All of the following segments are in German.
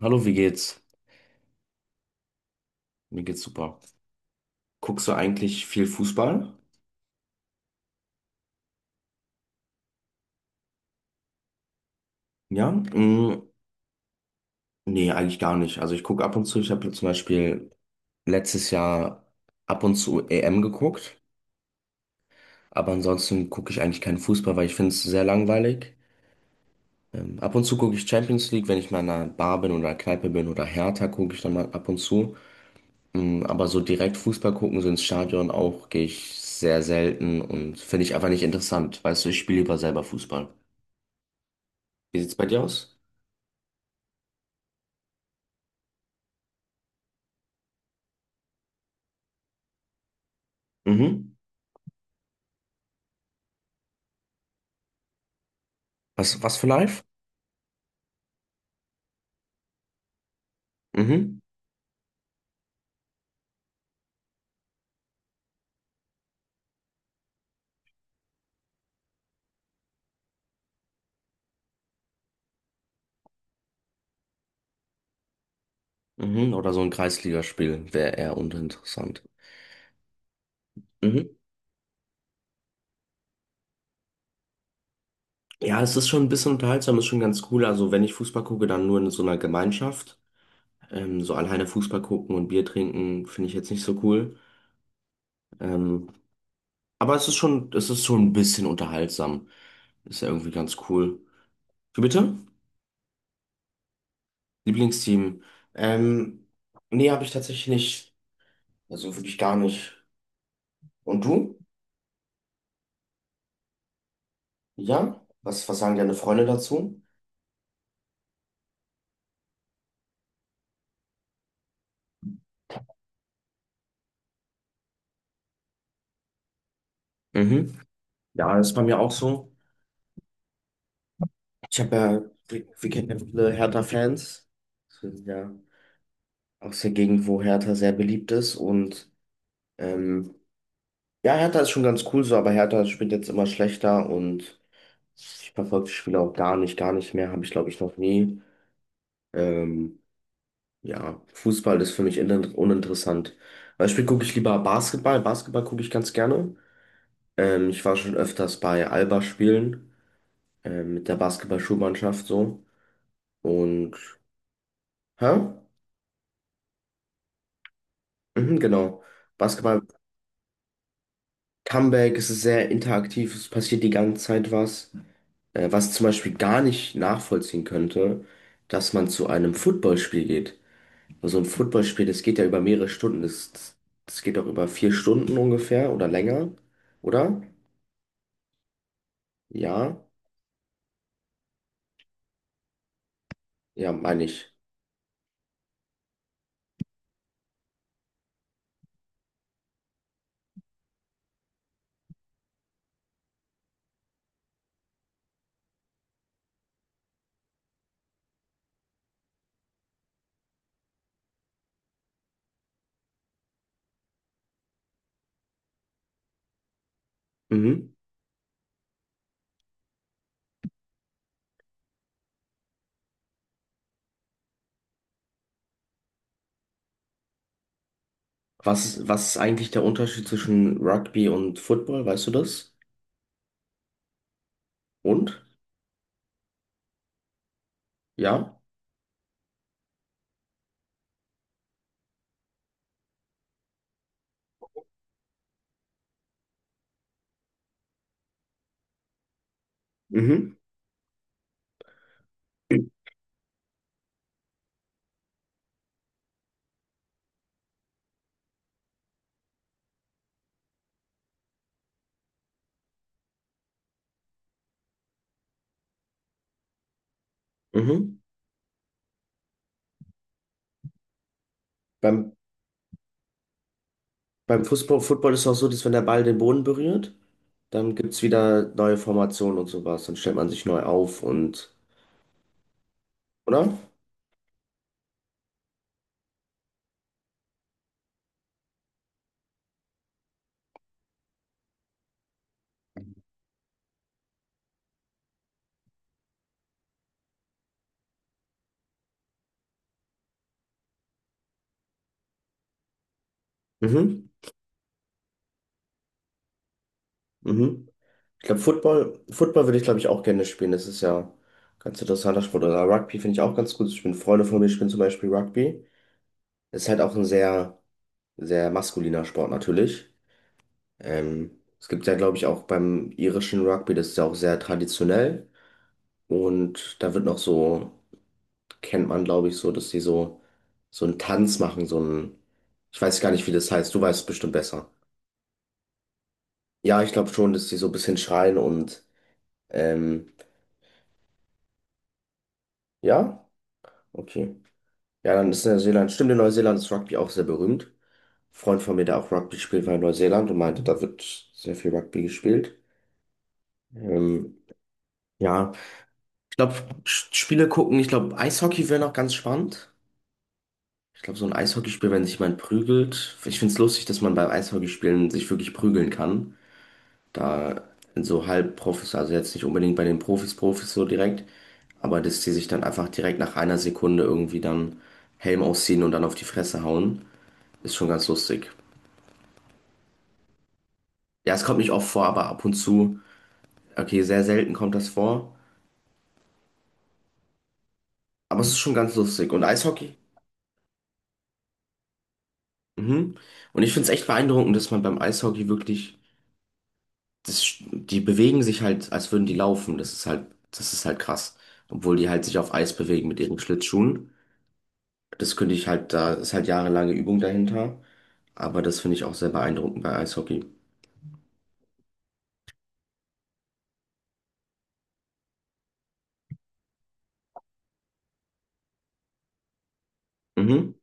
Hallo, wie geht's? Mir geht's super. Guckst du eigentlich viel Fußball? Ja? Nee, eigentlich gar nicht. Also ich gucke ab und zu, ich habe zum Beispiel letztes Jahr ab und zu EM geguckt, aber ansonsten gucke ich eigentlich keinen Fußball, weil ich finde es sehr langweilig. Ab und zu gucke ich Champions League, wenn ich mal in einer Bar bin oder Kneipe bin oder Hertha, gucke ich dann mal ab und zu. Aber so direkt Fußball gucken, so ins Stadion auch, gehe ich sehr selten und finde ich einfach nicht interessant. Weißt du, ich spiele lieber selber Fußball. Wie sieht's bei dir aus? Mhm. Was für live? Mhm. Mhm. Oder so ein Kreisligaspiel wäre eher uninteressant. Mhm. Ja, es ist schon ein bisschen unterhaltsam, ist schon ganz cool. Also wenn ich Fußball gucke, dann nur in so einer Gemeinschaft. So alleine Fußball gucken und Bier trinken finde ich jetzt nicht so cool. Ähm, aber es ist schon ein bisschen unterhaltsam. Ist ja irgendwie ganz cool. Wie bitte? Lieblingsteam. Ähm, nee, habe ich tatsächlich nicht. Also wirklich gar nicht. Und du? Ja? Was sagen deine Freunde dazu? Mhm. Ja, das ist bei mir auch so. Ich habe ja, wir kennen ja viele Hertha-Fans. Das ist ja aus der Gegend, wo Hertha sehr beliebt ist. Und ähm, ja, Hertha ist schon ganz cool so, aber Hertha spielt jetzt immer schlechter und ich verfolge die Spiele auch gar nicht mehr. Habe ich, glaube ich, noch nie. Ähm, ja, Fußball ist für mich uninteressant. Beispiel gucke ich lieber Basketball. Basketball gucke ich ganz gerne. Ich war schon öfters bei Alba spielen, mit der Basketball-Schulmannschaft so. Und, hä? Mhm, genau. Basketball, Comeback, es ist sehr interaktiv, es passiert die ganze Zeit was. Was zum Beispiel gar nicht nachvollziehen könnte, dass man zu einem Footballspiel geht. So ein Footballspiel, das geht ja über mehrere Stunden, das das geht auch über vier Stunden ungefähr oder länger, oder? Ja, ja, meine ich. Mhm. Was ist eigentlich der Unterschied zwischen Rugby und Football, weißt du das? Und? Ja? Mhm. Mhm. Beim Beim Fußball, Football ist es auch so, dass wenn der Ball den Boden berührt, dann gibt es wieder neue Formationen und sowas. Dann stellt man sich neu auf und, oder? Mhm, mhm. Ich glaube, Football würde ich, glaube ich, auch gerne spielen. Das ist ja ein ganz interessanter Sport. Oder Rugby finde ich auch ganz gut. Ich bin Freunde von mir, spielen zum Beispiel Rugby. Ist halt auch ein sehr maskuliner Sport natürlich. Es gibt ja, glaube ich, auch beim irischen Rugby, das ist ja auch sehr traditionell. Und da wird noch so, kennt man, glaube ich, so, dass die so, so einen Tanz machen, so einen, ich weiß gar nicht, wie das heißt, du weißt es bestimmt besser. Ja, ich glaube schon, dass die so ein bisschen schreien und, ähm, ja, okay. Ja, dann ist Neuseeland, stimmt, in Neuseeland ist Rugby auch sehr berühmt. Ein Freund von mir, der auch Rugby spielt, war in Neuseeland und meinte, da wird sehr viel Rugby gespielt. Ähm, ja, ich glaube, Spiele gucken, ich glaube, Eishockey wäre noch ganz spannend. Ich glaube, so ein Eishockeyspiel, wenn sich jemand prügelt. Ich finde es lustig, dass man beim Eishockeyspielen sich wirklich prügeln kann. Da in so Halbprofis, also jetzt nicht unbedingt bei den Profis so direkt, aber dass die sich dann einfach direkt nach einer Sekunde irgendwie dann Helm ausziehen und dann auf die Fresse hauen, ist schon ganz lustig. Ja, es kommt nicht oft vor, aber ab und zu, okay, sehr selten kommt das vor, aber es ist schon ganz lustig. Und Eishockey? Mhm. Und ich finde es echt beeindruckend, dass man beim Eishockey wirklich, das, die bewegen sich halt, als würden die laufen. Das ist halt krass. Obwohl die halt sich auf Eis bewegen mit ihren Schlittschuhen. Das könnte ich halt, da ist halt jahrelange Übung dahinter. Aber das finde ich auch sehr beeindruckend bei Eishockey. Mhm.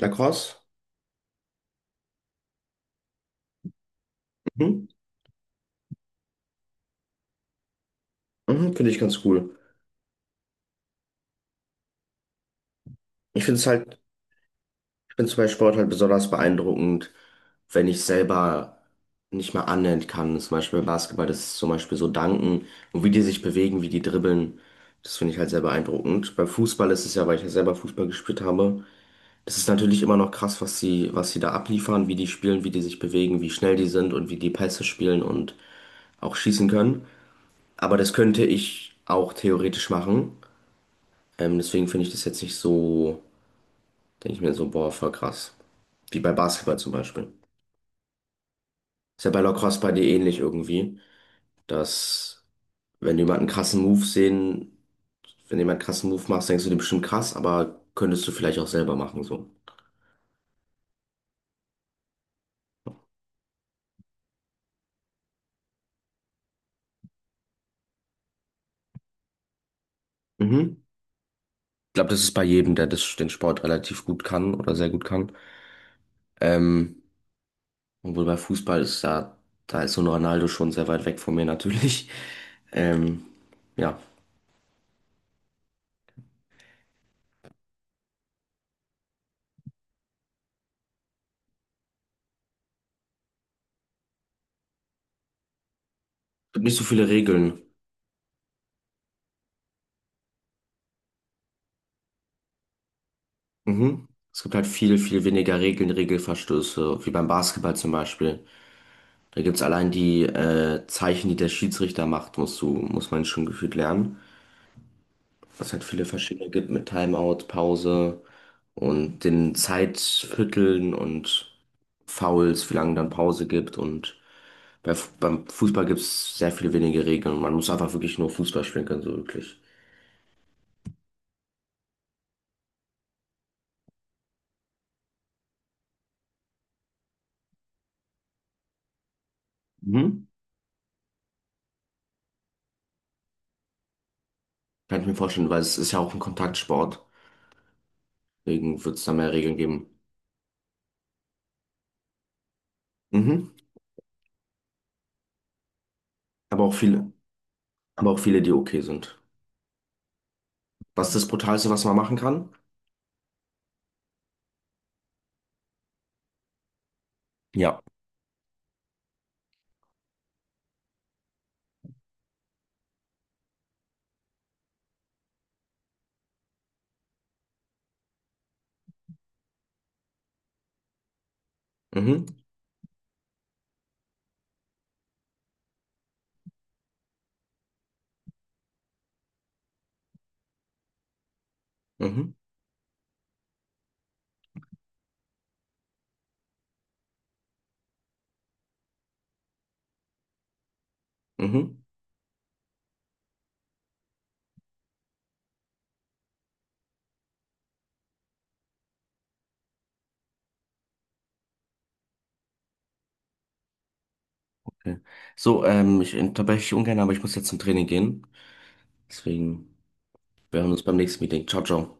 Lacrosse? Mhm. Mhm. Finde ich ganz cool. Ich finde es halt, ich finde es bei Sport halt besonders beeindruckend, wenn ich selber nicht mal annähernd kann. Zum Beispiel beim Basketball, das ist zum Beispiel so Danken und wie die sich bewegen, wie die dribbeln. Das finde ich halt sehr beeindruckend. Beim Fußball ist es ja, weil ich ja selber Fußball gespielt habe. Das ist natürlich immer noch krass, was sie da abliefern, wie die spielen, wie die sich bewegen, wie schnell die sind und wie die Pässe spielen und auch schießen kann. Aber das könnte ich auch theoretisch machen. Deswegen finde ich das jetzt nicht so, denke ich mir so, boah, voll krass. Wie bei Basketball zum Beispiel. Ist ja bei Lacrosse bei dir ähnlich irgendwie, dass wenn jemand einen krassen Move sehen, wenn jemand einen krassen Move macht, denkst du dir bestimmt krass, aber könntest du vielleicht auch selber machen so. Mhm. Ich glaube, das ist bei jedem, der das, den Sport relativ gut kann oder sehr gut kann. Ähm, obwohl bei Fußball ist da, da ist so ein Ronaldo schon sehr weit weg von mir natürlich. Ähm, ja, es gibt nicht so viele Regeln. Mhm. Es gibt halt viel weniger Regeln, Regelverstöße, wie beim Basketball zum Beispiel. Da gibt es allein die Zeichen, die der Schiedsrichter macht, muss man schon gefühlt lernen. Was halt viele verschiedene gibt mit Timeout, Pause und den Zeitvierteln und Fouls, wie lange dann Pause gibt. Und beim Fußball gibt es sehr viel weniger Regeln. Man muss einfach wirklich nur Fußball spielen können, so wirklich. Mhm. Kann ich mir vorstellen, weil es ist ja auch ein Kontaktsport. Deswegen wird es da mehr Regeln geben. Mhm. Aber auch viele, aber auch viele, die okay sind. Was ist das Brutalste, was man machen kann? Ja. Mhm, mhm, mhm. Okay. So, ich unterbreche dich ungern, aber ich muss jetzt zum Training gehen. Deswegen, wir hören uns beim nächsten Meeting. Ciao, ciao.